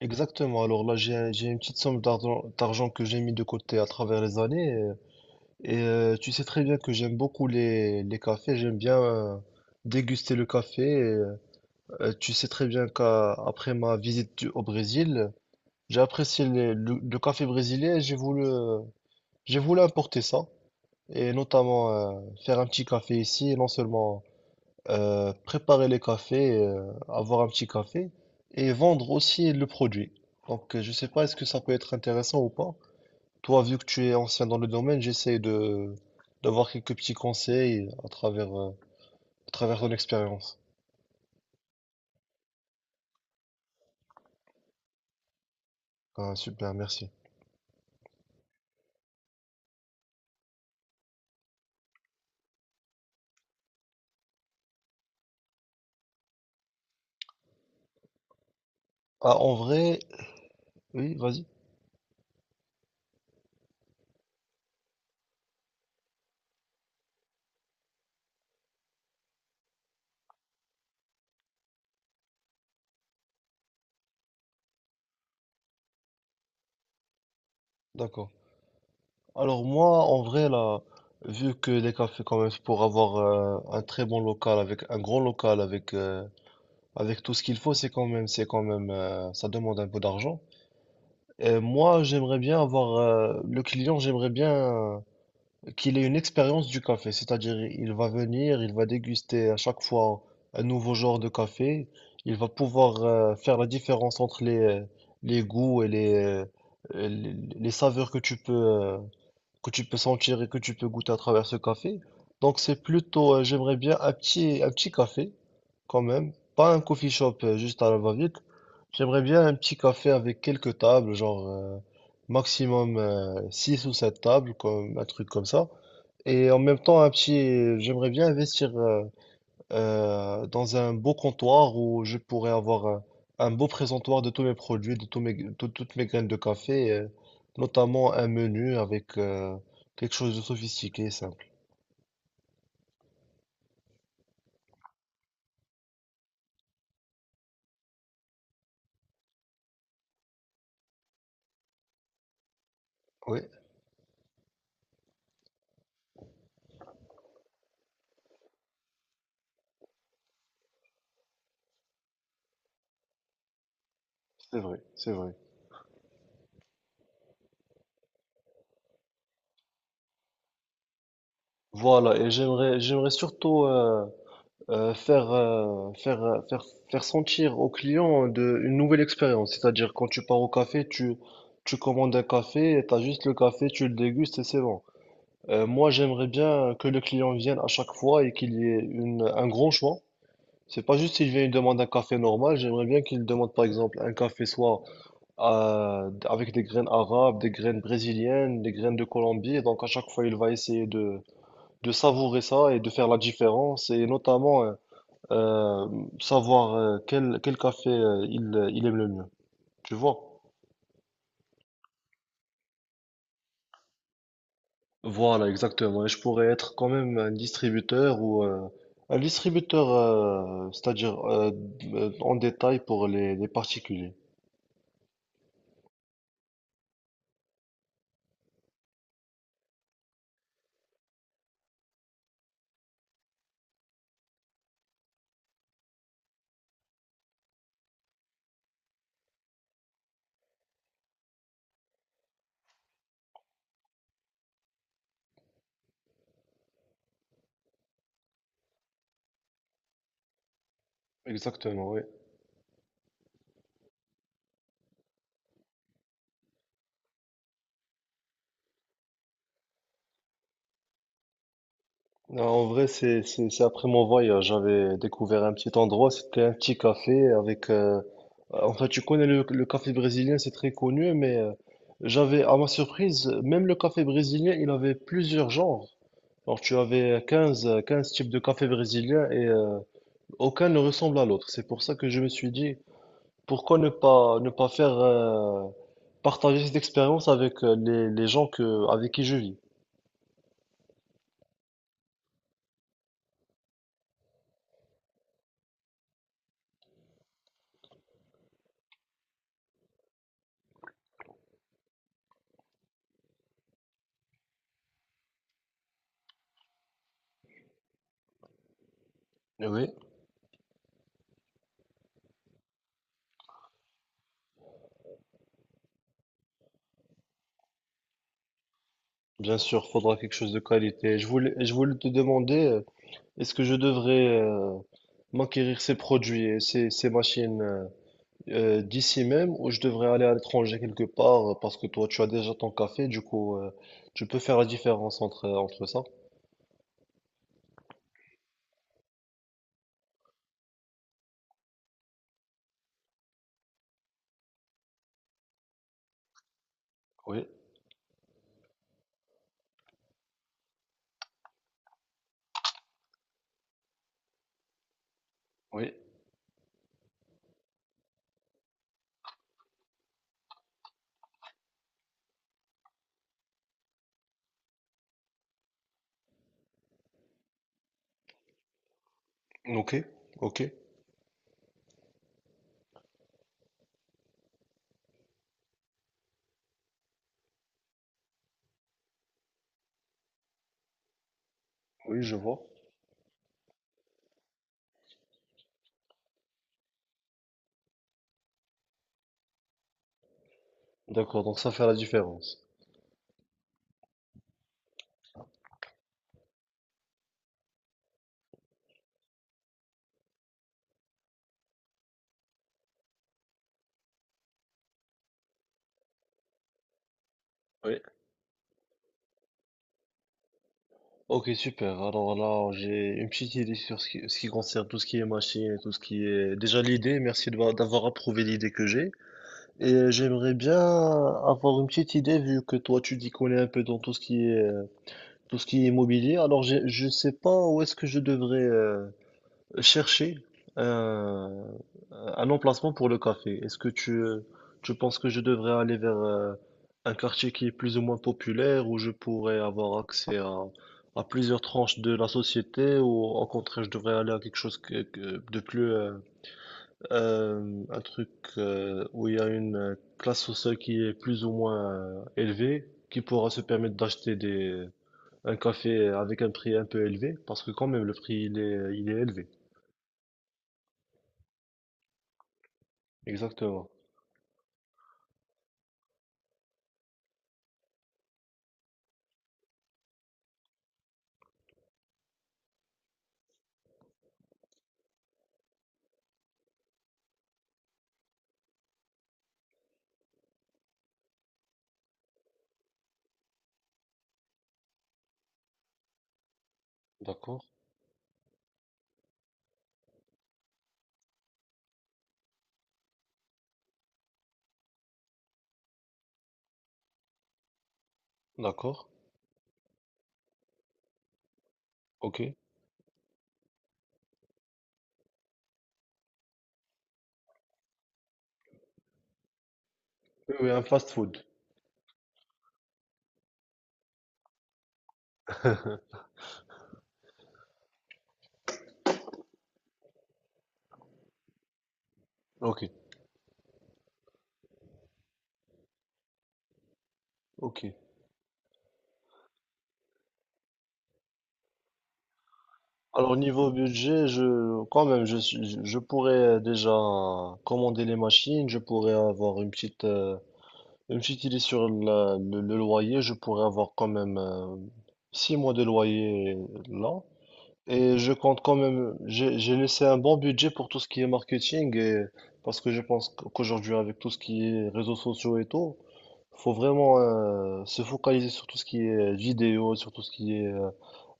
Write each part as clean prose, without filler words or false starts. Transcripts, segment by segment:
Exactement. Alors là, j'ai une petite somme d'argent que j'ai mis de côté à travers les années. Et tu sais très bien que j'aime beaucoup les cafés. J'aime bien déguster le café. Et tu sais très bien qu'après ma visite au Brésil, j'ai apprécié le café brésilien. Et j'ai voulu importer ça. Et notamment faire un petit café ici. Et non seulement préparer les cafés, avoir un petit café et vendre aussi le produit. Donc, je sais pas, est-ce que ça peut être intéressant ou pas? Toi, vu que tu es ancien dans le domaine, j'essaie de d'avoir quelques petits conseils à travers ton expérience. Ah, super, merci. Ah, en vrai, oui, vas-y, d'accord. Alors moi, en vrai, là, vu que les cafés, quand même, pour avoir un très bon local, avec un grand local, avec tout ce qu'il faut, c'est quand même, ça demande un peu d'argent. Moi, j'aimerais bien avoir, le client, j'aimerais bien qu'il ait une expérience du café, c'est-à-dire il va venir, il va déguster à chaque fois un nouveau genre de café, il va pouvoir faire la différence entre les goûts et les saveurs que tu peux sentir et que tu peux goûter à travers ce café. Donc c'est plutôt, j'aimerais bien un petit café quand même, pas un coffee shop juste à la va-vite. J'aimerais bien un petit café avec quelques tables, genre maximum 6 ou 7 tables, un truc comme ça. Et en même temps, j'aimerais bien investir dans un beau comptoir où je pourrais avoir un beau présentoir de tous mes produits, de toutes mes graines de café, notamment un menu avec quelque chose de sophistiqué et simple. Oui, c'est vrai, c'est vrai. Voilà, et j'aimerais surtout euh, faire, euh, faire, euh, faire, faire sentir aux clients une nouvelle expérience. C'est-à-dire, quand tu pars au café, tu commandes un café, tu as juste le café, tu le dégustes et c'est bon. Moi, j'aimerais bien que le client vienne à chaque fois et qu'il y ait un grand choix. C'est pas juste s'il vient et demande un café normal, j'aimerais bien qu'il demande par exemple un café soit avec des graines arabes, des graines brésiliennes, des graines de Colombie. Et donc à chaque fois, il va essayer de savourer ça et de faire la différence et notamment euh, savoir quel café il aime le mieux. Tu vois? Voilà, exactement. Et je pourrais être quand même un distributeur, c'est-à-dire en détail pour les particuliers. Exactement, oui. Non, en vrai, c'est après mon voyage, j'avais découvert un petit endroit, c'était un petit café. En fait, tu connais le café brésilien, c'est très connu, mais j'avais, à ma surprise, même le café brésilien, il avait plusieurs genres. Alors, tu avais 15 15 types de café brésilien. Aucun ne ressemble à l'autre. C'est pour ça que je me suis dit, pourquoi ne pas faire partager cette expérience avec les gens avec qui je vis. Eh oui, bien sûr, faudra quelque chose de qualité. Je voulais te demander, est-ce que je devrais m'acquérir ces produits et ces machines d'ici même ou je devrais aller à l'étranger quelque part parce que toi, tu as déjà ton café, du coup, tu peux faire la différence entre ça. Oui, oui, ok, ok, oui, je vois. D'accord, donc ça fait la différence. Oui. Ok, super. Alors là, j'ai une petite idée sur ce qui concerne tout ce qui est machine, et tout ce qui est... Déjà l'idée, merci d'avoir approuvé l'idée que j'ai. Et j'aimerais bien avoir une petite idée, vu que toi, tu t'y connais un peu dans tout ce qui est, tout ce qui est immobilier. Alors, je ne sais pas où est-ce que je devrais chercher un, un emplacement pour le café. Est-ce que tu penses que je devrais aller vers un quartier qui est plus ou moins populaire, où je pourrais avoir accès à plusieurs tranches de la société, ou au contraire, je devrais aller à quelque chose de plus, un truc où il y a une classe sociale qui est plus ou moins élevée, qui pourra se permettre un café avec un prix un peu élevé, parce que quand même, le prix, il est élevé. Exactement. D'accord, d'accord, ok. Oui, oui, un fast-food. Ok, ok. Alors niveau budget, je quand même, je, suis- je pourrais déjà commander les machines, je pourrais avoir une petite idée sur le loyer, je pourrais avoir quand même 6 mois de loyer là. Et je compte quand même, j'ai laissé un bon budget pour tout ce qui est marketing et parce que je pense qu'aujourd'hui avec tout ce qui est réseaux sociaux et tout, faut vraiment se focaliser sur tout ce qui est vidéo, sur tout ce qui est euh,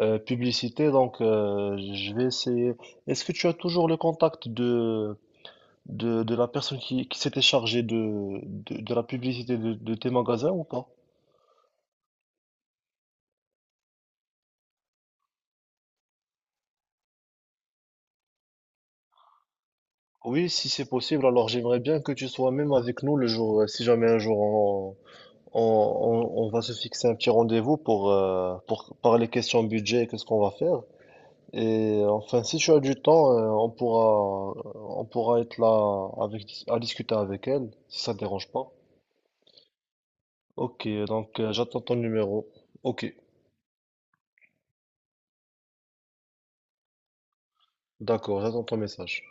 euh, publicité. Donc je vais essayer. Est-ce que tu as toujours le contact de la personne qui s'était chargée de la publicité de tes magasins ou pas? Oui, si c'est possible, alors j'aimerais bien que tu sois même avec nous le jour, si jamais un jour on va se fixer un petit rendez-vous pour parler questions budget et qu'est-ce qu'on va faire. Enfin, si tu as du temps, on pourra être là avec, à discuter avec elle, si ça ne dérange pas. Ok, donc j'attends ton numéro. Ok, d'accord, j'attends ton message.